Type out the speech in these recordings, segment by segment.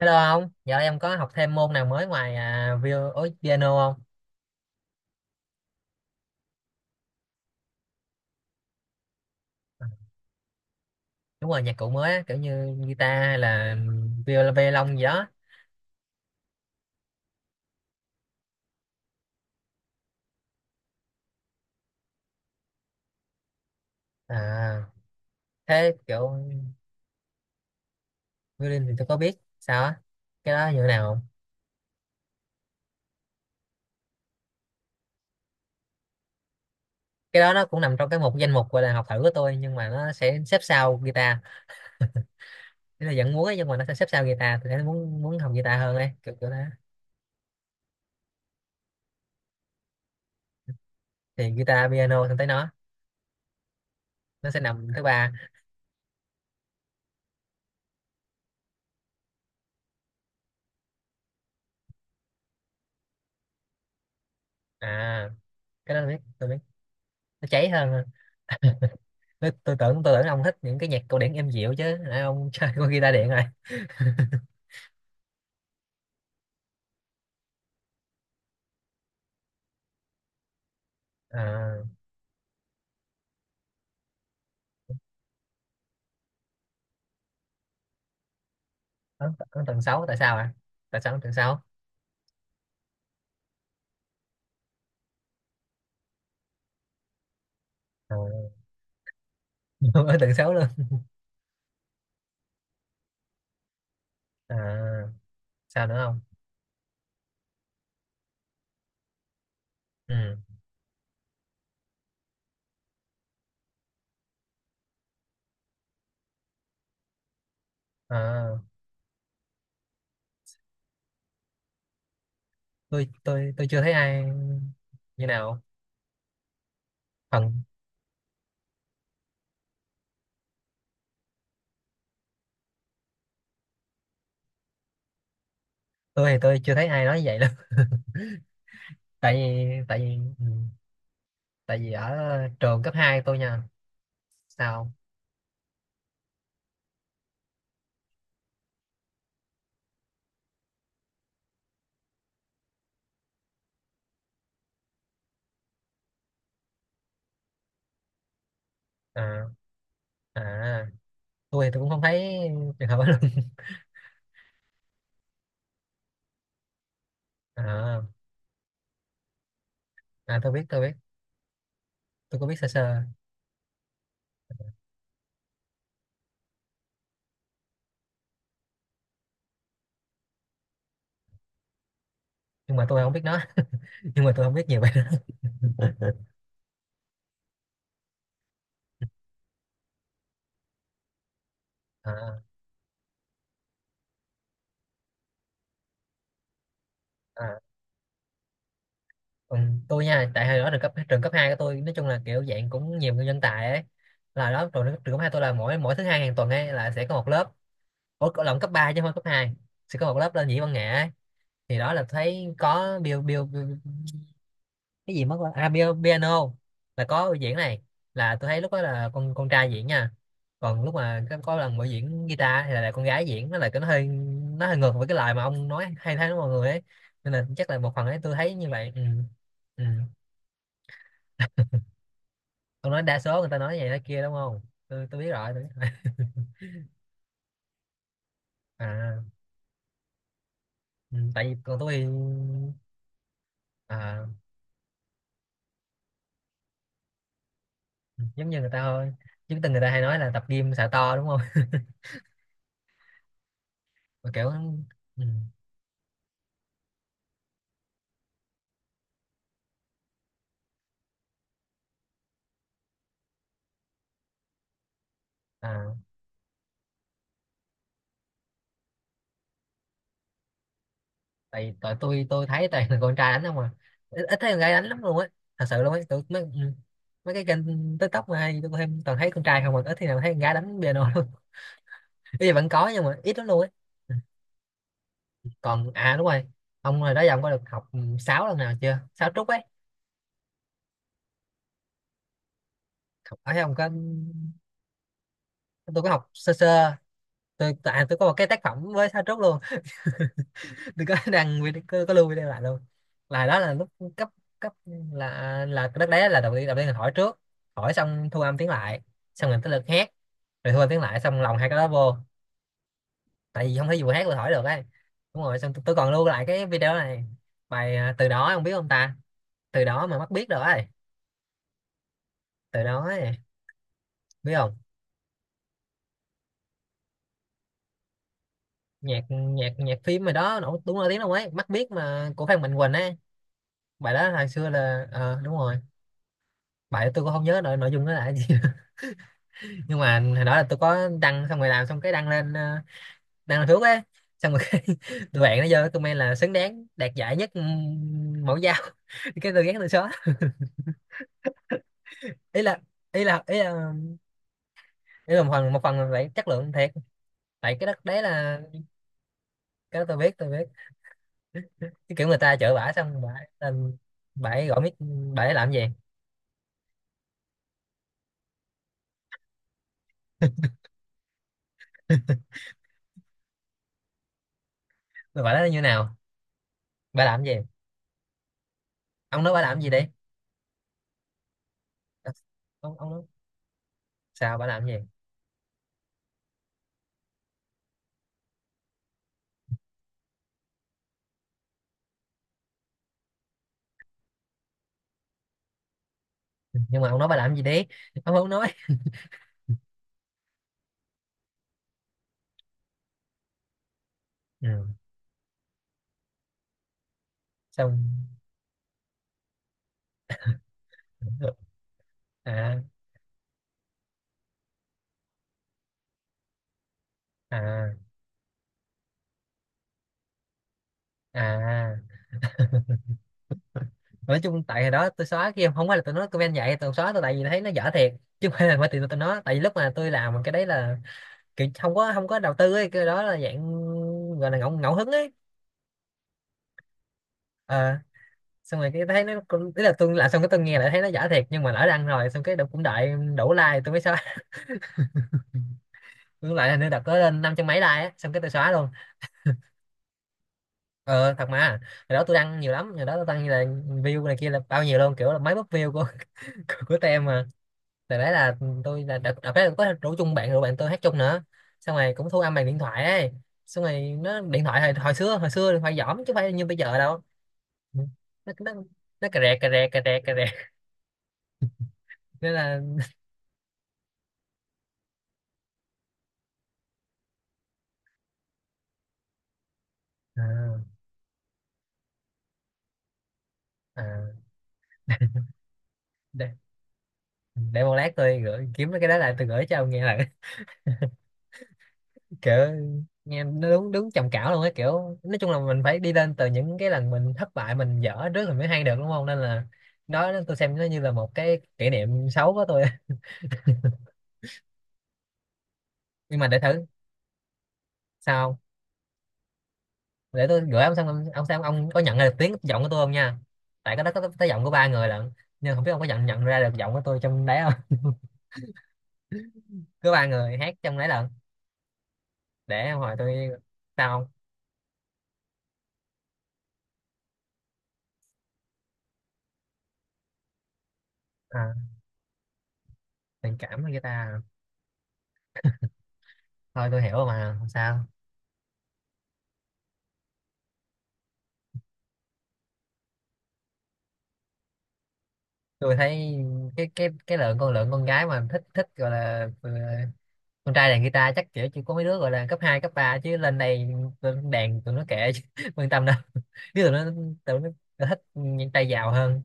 Hello ông, giờ em có học thêm môn nào mới ngoài ối, piano không? À, đúng rồi, nhạc cụ mới á, kiểu như guitar hay là violon gì đó. À, thế kiểu violin thì tôi có biết, sao á? Cái đó như thế nào không? Cái đó nó cũng nằm trong cái danh mục gọi là học thử của tôi nhưng mà nó sẽ xếp sau guitar. Thế là vẫn muốn ấy, nhưng mà nó sẽ xếp sau guitar, tôi thấy muốn muốn học guitar hơn ấy, kiểu kiểu đó. Thì guitar, piano xong tới nó sẽ nằm thứ ba. À, cái đó tôi biết, tôi biết. Nó cháy hơn. Tôi tưởng ông thích những cái nhạc cổ điển êm dịu chứ nãy ông chơi con guitar điện rồi. à, ấn tần xấu, Tại sao ấn tầng sáu? à, Ấn tần xấu luôn. À, sao nữa không? Ừ. à, tôi chưa thấy ai như nào. Phần tôi thì tôi chưa thấy ai nói như vậy đâu. Tại vì tại vì ở trường cấp 2 tôi nha. Sao? À, à tôi thì tôi cũng không thấy trường hợp đó luôn. À, à tôi biết, tôi biết. Tôi có biết sơ sơ, nhưng mà tôi không biết nó nhưng mà tôi không biết nhiều về nó. à, à, còn tôi nha, tại hồi đó trường cấp hai của tôi nói chung là kiểu dạng cũng nhiều người nhân tài ấy. Là đó trường cấp hai tôi là mỗi mỗi thứ hai hàng tuần ấy là sẽ có một lớp. Ủa cậu lộn cấp 3 chứ không phải cấp hai. Sẽ có một lớp lên nhĩ văn nghệ ấy. Thì đó là thấy có Bill Bill, Bill cái gì mất rồi, piano là có diễn này, là tôi thấy lúc đó là con trai diễn nha. Còn lúc mà có lần buổi diễn guitar thì là con gái diễn, nó là cái nó hơi, nó hơi ngược với cái lời mà ông nói hay thấy đó mọi người ấy. Nên là chắc là một phần ấy tôi thấy như vậy. Ừ. Ừ. Ông nói đa số người ta nói vậy nói kia đúng không? Tôi biết rồi, tôi biết rồi. À. Ừ. Tại vì còn tôi. À, ừ, giống như người ta thôi, chứ từng người ta hay nói là tập gym xả to đúng không? Mà kiểu. Ừ. à tại tại tôi thấy toàn là con trai đánh không à. Ít thấy con gái đánh lắm luôn á, thật sự luôn á, tụi mấy, ừ. Mấy cái kênh TikTok mà hay tôi thêm toàn thấy con trai không à, ít thì nào thấy con gái đánh piano luôn. Bây giờ vẫn có nhưng mà ít lắm luôn á. Ừ. Còn đúng rồi, ông hồi đó giờ ông có được học 6 lần nào chưa, sáu trúc ấy? Học ở đây ông có? Tôi có học sơ sơ. Tại tôi có một cái tác phẩm với sáu trúc luôn. Tôi có đăng video, có lưu video lại luôn. Là đó là lúc cấp, cấp. Là cái đất đá, là đầu tiên là hỏi trước, hỏi xong thu âm tiếng lại, xong rồi tới lượt hát, rồi thu âm tiếng lại xong lòng hai cái đó vô. Tại vì không thể vừa hát vừa hỏi được ấy. Đúng rồi, xong tôi còn lưu lại cái video này. Bài từ đó không biết không ta? Từ đó mà mắt biết rồi ấy. Từ đó ấy, biết không? Nhạc nhạc nhạc phim mà đó nổi, đúng nổi tiếng đâu ấy, mắt biết mà của Phan Mạnh Quỳnh ấy. Bài đó hồi xưa là đúng rồi. Bài đó tôi cũng không nhớ nội nội dung nó là cái gì. Nhưng mà hồi đó là tôi có đăng, xong rồi làm xong cái đăng lên, đăng lên thuốc ấy. Xong rồi cái tụi bạn nó vô cái comment là xứng đáng đạt giải nhất mẫu dao. Cái tôi ghét tôi xóa. Ý là ý là ý là, ý là một phần là phải chất lượng thiệt. Tại cái đất đấy là. Cái đó tôi biết, tôi biết. Cái kiểu người ta chở bả xong bả lên, bả ấy gọi mic, bả ấy làm gì. Bả nói như nào, bả làm gì? Ông nói bả làm gì đi. Ờ, ông nói sao, bả làm gì? Nhưng mà ông nói bả làm gì đi, ông không nói. Ừ. Xong. à à à nói chung tại hồi đó tôi xóa kia không phải là tôi nói comment vậy tôi xóa, tôi tại vì thấy nó dở thiệt, chứ không phải là bởi vì tôi nói, tại vì lúc mà tôi làm cái đấy là kiểu không có đầu tư ấy, cái đó là dạng gọi là ngẫu ngẫu hứng ấy. ờ xong rồi cái thấy nó ý là tôi làm xong cái tôi nghe lại thấy nó dở thiệt, nhưng mà lỡ đăng rồi xong cái cũng đợi đủ like tôi mới xóa. Tôi lại là nó đợt có lên năm trăm mấy like á, xong cái tôi xóa luôn. Ờ thật mà, hồi đó tôi đăng nhiều lắm, hồi đó tôi đăng như là view này kia là bao nhiêu luôn, kiểu là mấy bắp view của của tem mà. Tại đấy là tôi là đợt đợt đấy có rủ chung bạn rồi bạn tôi hát chung nữa, xong rồi cũng thu âm bằng điện thoại ấy, xong rồi nó điện thoại hồi xưa, hồi xưa điện thoại giỏm chứ không phải như bây giờ đâu. Ừ. nó nó nó cà rè cà rè cà rè cà rè. Nên là, à, à, để, để một lát tôi gửi kiếm cái đó lại, tôi gửi cho ông nghe lại. Kiểu nghe nó đúng đúng trầm cảm luôn á, kiểu nói chung là mình phải đi lên từ những cái lần mình thất bại mình dở trước mình mới hay được đúng không, nên là đó tôi xem nó như là một cái kỷ niệm xấu của tôi. Nhưng mà để thử, sao không? Để tôi gửi ông xem, xem ông có nhận ra được tiếng giọng của tôi không nha. Tại cái đó có tới giọng của 3 người lận, nhưng không biết ông có nhận nhận ra được giọng của tôi trong đấy không. Cứ 3 người hát trong đấy lận, để hồi tôi. Sao không? À, tình cảm với người ta. Thôi tôi hiểu rồi mà, không sao. Tôi thấy cái lượng con gái mà thích thích gọi là, con trai đàn guitar chắc kiểu chỉ có mấy đứa gọi là cấp 2 cấp ba, chứ lên đây tụi nó đàn tụi nó kệ chứ, quan tâm đâu, chứ tụi nó, tụi nó thích tay giàu hơn.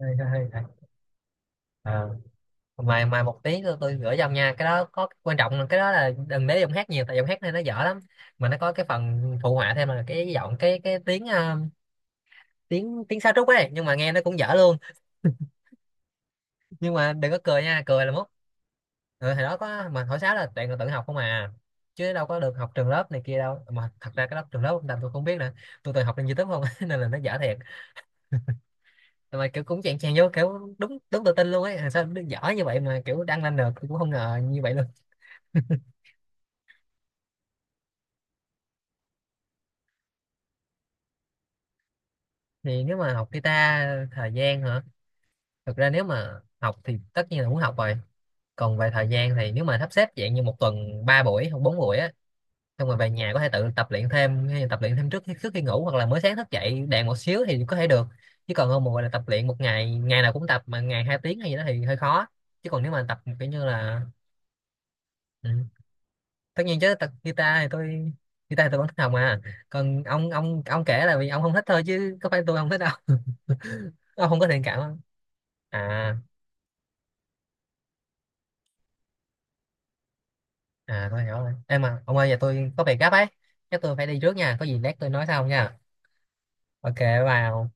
Hơi hơi hơi- ờ. Mà một tí tôi gửi cho ông nha, cái đó có quan trọng là cái đó là đừng để giọng hát nhiều tại giọng hát này nó dở lắm, mà nó có cái phần phụ họa thêm là cái giọng, cái tiếng, ờ, tiếng tiếng sáo trúc ấy nhưng mà nghe nó cũng dở luôn. Nhưng mà đừng có cười nha, cười là mốt. Ừ, hồi đó có mà hồi sáo là toàn là tự học không à, chứ đâu có được học trường lớp này kia đâu mà, thật ra cái lớp trường lớp ông Tâm tôi không biết nữa, tôi toàn học trên YouTube không. Nên là nó dở thiệt, mà kiểu cũng chèn chèn vô kiểu đúng đúng tự tin luôn ấy, sao nó dở như vậy mà kiểu đăng lên được tôi cũng không ngờ như vậy luôn. Thì nếu mà học guitar thời gian hả? Thực ra nếu mà học thì tất nhiên là muốn học rồi. Còn về thời gian thì nếu mà sắp xếp dạng như một tuần 3 buổi hoặc 4 buổi á, xong rồi về nhà có thể tự tập luyện thêm hay là tập luyện thêm trước khi ngủ hoặc là mới sáng thức dậy đèn một xíu thì có thể được, chứ còn không mà gọi là tập luyện một ngày, ngày nào cũng tập mà ngày 2 tiếng hay gì đó thì hơi khó, chứ còn nếu mà tập kiểu như là. Ừ. Tất nhiên chứ, tập guitar thì tôi, guitar thì tôi vẫn thích học mà. Còn ông, ông kể là vì ông không thích thôi chứ có phải tôi không thích đâu. Ông không có thiện cảm không? à tôi hiểu rồi em, mà ông ơi giờ tôi có việc gấp ấy, chắc tôi phải đi trước nha, có gì lát tôi nói sau nha. Ok vào.